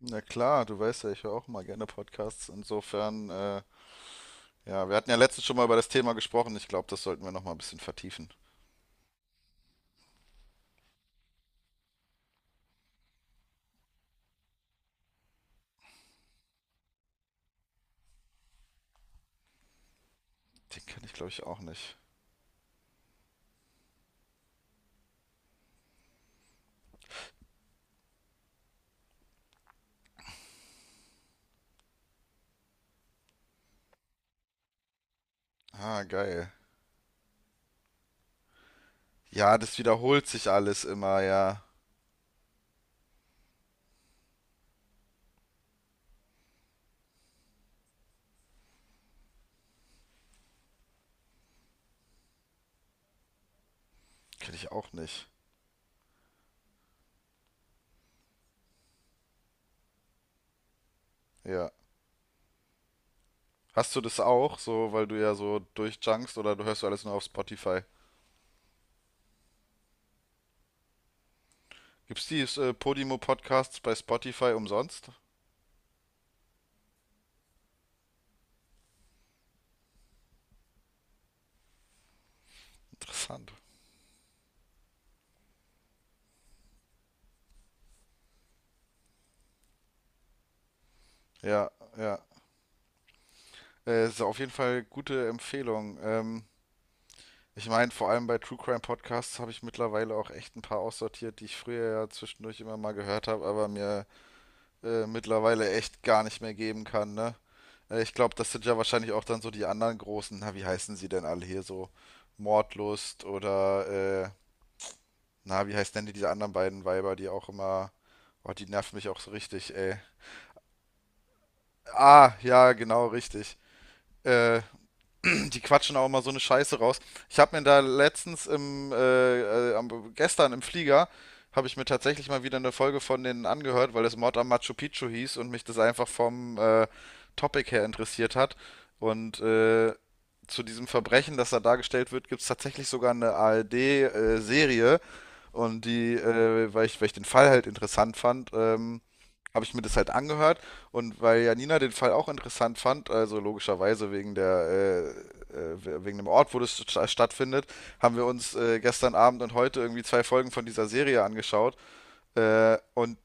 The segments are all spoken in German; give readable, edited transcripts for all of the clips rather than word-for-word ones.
Na klar, du weißt ja, ich höre auch mal gerne Podcasts. Insofern, ja, wir hatten ja letztens schon mal über das Thema gesprochen. Ich glaube, das sollten wir noch mal ein bisschen vertiefen. Den kenne ich, glaube ich, auch nicht. Ah, geil. Ja, das wiederholt sich alles immer, ja. Kenne ich auch nicht. Ja. Hast du das auch, so, weil du ja so durchjunkst oder du hörst du alles nur auf Spotify? Gibt's die Podimo Podcasts bei Spotify umsonst? Interessant. Ja, ja. Ist auf jeden Fall gute Empfehlung. Ich meine, vor allem bei True Crime Podcasts habe ich mittlerweile auch echt ein paar aussortiert, die ich früher ja zwischendurch immer mal gehört habe, aber mir mittlerweile echt gar nicht mehr geben kann, ne? Ich glaube, das sind ja wahrscheinlich auch dann so die anderen großen, na, wie heißen sie denn alle hier so? Mordlust oder, na, wie heißt denn diese anderen beiden Weiber, die auch immer, oh, die nerven mich auch so richtig, ey. Ah, ja, genau, richtig. Äh, die quatschen auch immer so eine Scheiße raus. Ich habe mir da letztens gestern im Flieger, habe ich mir tatsächlich mal wieder eine Folge von denen angehört, weil es Mord am Machu Picchu hieß und mich das einfach vom Topic her interessiert hat. Und zu diesem Verbrechen, das da dargestellt wird, gibt es tatsächlich sogar eine ARD-Serie. Und die, weil ich den Fall halt interessant fand, habe ich mir das halt angehört und weil Janina den Fall auch interessant fand, also logischerweise wegen der wegen dem Ort, wo das stattfindet, haben wir uns gestern Abend und heute irgendwie zwei Folgen von dieser Serie angeschaut und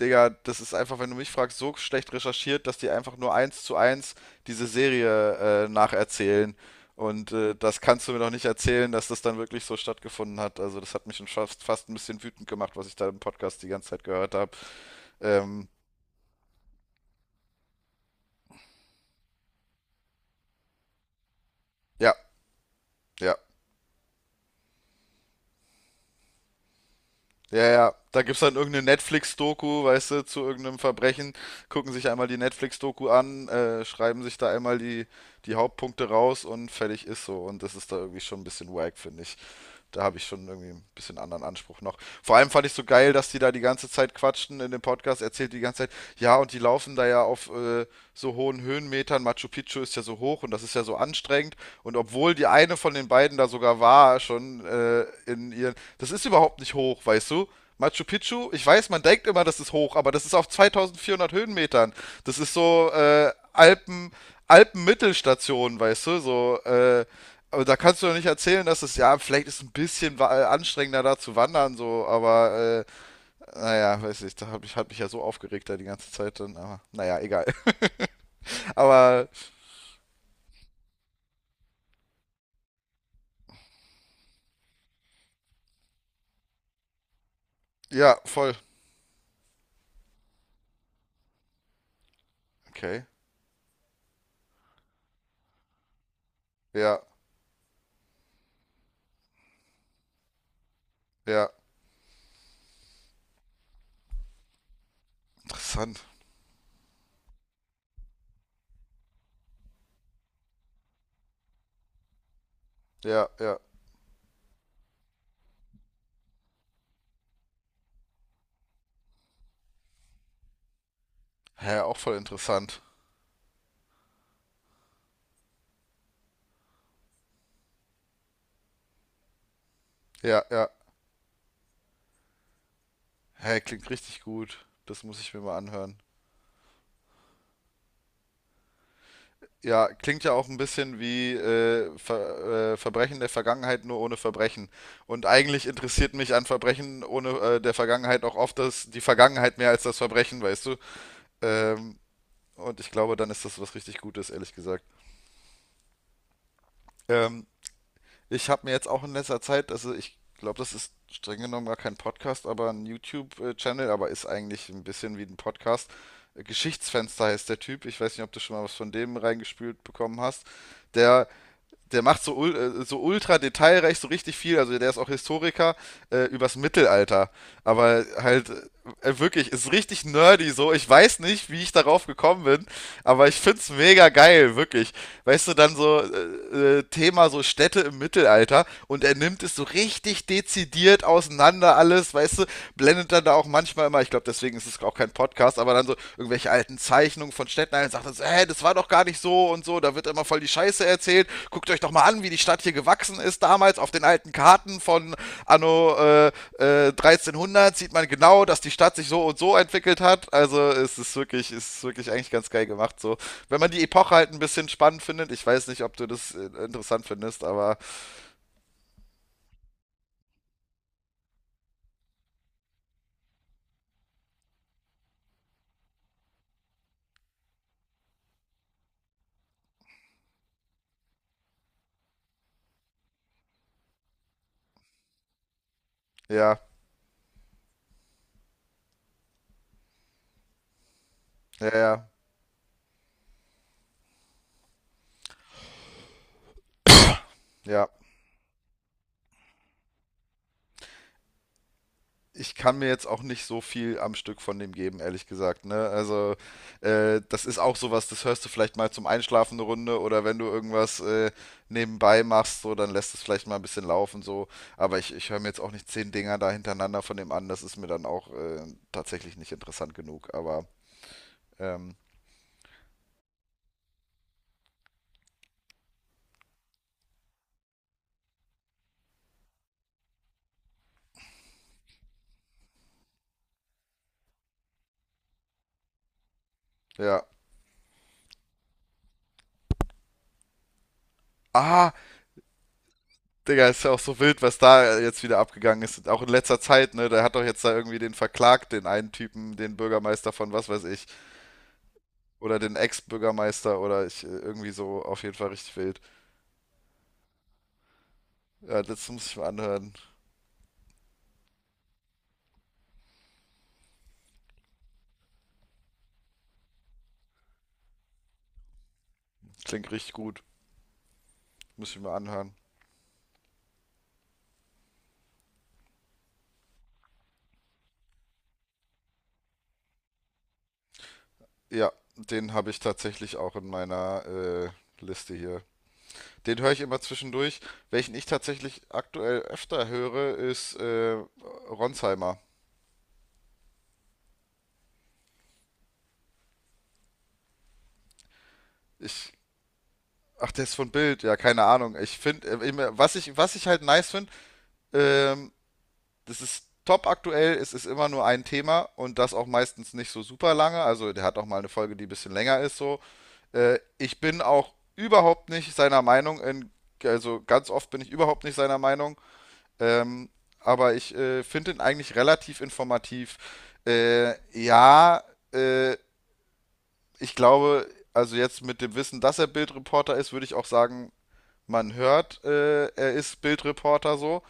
Digga, das ist einfach, wenn du mich fragst, so schlecht recherchiert, dass die einfach nur eins zu eins diese Serie nacherzählen. Und das kannst du mir doch nicht erzählen, dass das dann wirklich so stattgefunden hat. Also das hat mich schon fast, fast ein bisschen wütend gemacht, was ich da im Podcast die ganze Zeit gehört habe. Ähm, ja, ja. Ja, ja, da gibt's dann irgendeine Netflix-Doku, weißt du, zu irgendeinem Verbrechen, gucken sich einmal die Netflix-Doku an, schreiben sich da einmal die Hauptpunkte raus und fertig ist so. Und das ist da irgendwie schon ein bisschen wack, finde ich, da habe ich schon irgendwie ein bisschen anderen Anspruch noch. Vor allem fand ich so geil, dass die da die ganze Zeit quatschen in dem Podcast, erzählt die ganze Zeit, ja, und die laufen da ja auf so hohen Höhenmetern, Machu Picchu ist ja so hoch und das ist ja so anstrengend. Und obwohl die eine von den beiden da sogar war, schon in ihren, das ist überhaupt nicht hoch, weißt du? Machu Picchu, ich weiß, man denkt immer, das ist hoch, aber das ist auf 2400 Höhenmetern. Das ist so Alpen, Alpenmittelstation, weißt du, aber da kannst du doch nicht erzählen, dass es ja vielleicht ist ein bisschen anstrengender da zu wandern, so, naja, weiß nicht, da hab ich, hat mich ja so aufgeregt da die ganze Zeit dann, aber naja, egal. Aber ja, voll. Okay. Ja, ja, interessant. Ja, ja. Hä, auch voll interessant. Ja, ja. Hä, klingt richtig gut. Das muss ich mir mal anhören. Ja, klingt ja auch ein bisschen wie Verbrechen der Vergangenheit nur ohne Verbrechen. Und eigentlich interessiert mich an Verbrechen ohne der Vergangenheit auch oft das, die Vergangenheit mehr als das Verbrechen, weißt du? Ähm, und ich glaube, dann ist das was richtig Gutes, ehrlich gesagt. Ähm, Ich habe mir jetzt auch in letzter Zeit, also ich glaube, das ist streng genommen gar kein Podcast, aber ein YouTube-Channel, aber ist eigentlich ein bisschen wie ein Podcast. Geschichtsfenster heißt der Typ. Ich weiß nicht, ob du schon mal was von dem reingespült bekommen hast. Der der macht so, so ultra detailreich so richtig viel, also der ist auch Historiker, übers Mittelalter. Aber halt, wirklich, ist richtig nerdy so. Ich weiß nicht, wie ich darauf gekommen bin, aber ich find's mega geil, wirklich. Weißt du, dann so Thema so Städte im Mittelalter und er nimmt es so richtig dezidiert auseinander alles, weißt du, blendet dann da auch manchmal immer, ich glaube, deswegen ist es auch kein Podcast, aber dann so irgendwelche alten Zeichnungen von Städten ein und sagt dann so, hä, das war doch gar nicht so und so, da wird immer voll die Scheiße erzählt. Guckt euch doch mal an, wie die Stadt hier gewachsen ist damals auf den alten Karten von Anno 1300, sieht man genau, dass die Stadt sich so und so entwickelt hat. Also es ist wirklich eigentlich ganz geil gemacht. So, wenn man die Epoche halt ein bisschen spannend findet, ich weiß nicht, ob du das interessant findest, aber ja, ja, ja, ja, ich kann mir jetzt auch nicht so viel am Stück von dem geben, ehrlich gesagt. Ne? Also, das ist auch sowas, das hörst du vielleicht mal zum Einschlafen eine Runde oder wenn du irgendwas nebenbei machst, so, dann lässt es vielleicht mal ein bisschen laufen, so. Aber ich höre mir jetzt auch nicht zehn Dinger da hintereinander von dem an, das ist mir dann auch tatsächlich nicht interessant genug. Aber, ähm, ja. Ah, Digga, ist ja auch so wild, was da jetzt wieder abgegangen ist. Auch in letzter Zeit, ne? Der hat doch jetzt da irgendwie den verklagt, den einen Typen, den Bürgermeister von was weiß ich. Oder den Ex-Bürgermeister oder ich irgendwie so auf jeden Fall richtig wild. Ja, das muss ich mir anhören. Klingt richtig gut. Muss ich mir anhören. Ja, den habe ich tatsächlich auch in meiner Liste hier. Den höre ich immer zwischendurch. Welchen ich tatsächlich aktuell öfter höre, ist Ronsheimer. Ich, ach, der ist von Bild. Ja, keine Ahnung. Ich finde, immer- was ich halt nice finde, ähm, das ist top aktuell, es ist immer nur ein Thema und das auch meistens nicht so super lange. Also der hat auch mal eine Folge, die ein bisschen länger ist so. Ich bin auch überhaupt nicht seiner Meinung, also ganz oft bin ich überhaupt nicht seiner Meinung, ähm, aber ich finde ihn eigentlich relativ informativ. Äh, ja, äh, Ich glaube, also jetzt mit dem Wissen, dass er Bildreporter ist, würde ich auch sagen, man hört, er ist Bildreporter so.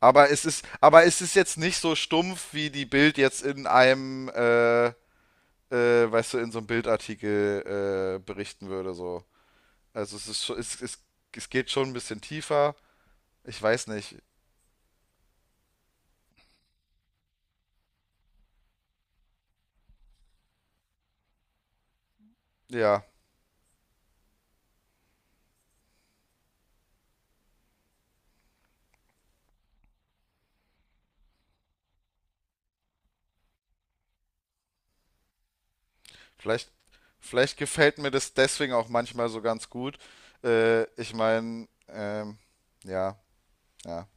Aber es ist jetzt nicht so stumpf, wie die Bild jetzt in einem, weißt du, in so einem Bildartikel berichten würde. So. Also es ist schon, es geht schon ein bisschen tiefer. Ich weiß nicht. Ja, vielleicht, vielleicht gefällt mir das deswegen auch manchmal so ganz gut. Ich meine, ja, ja.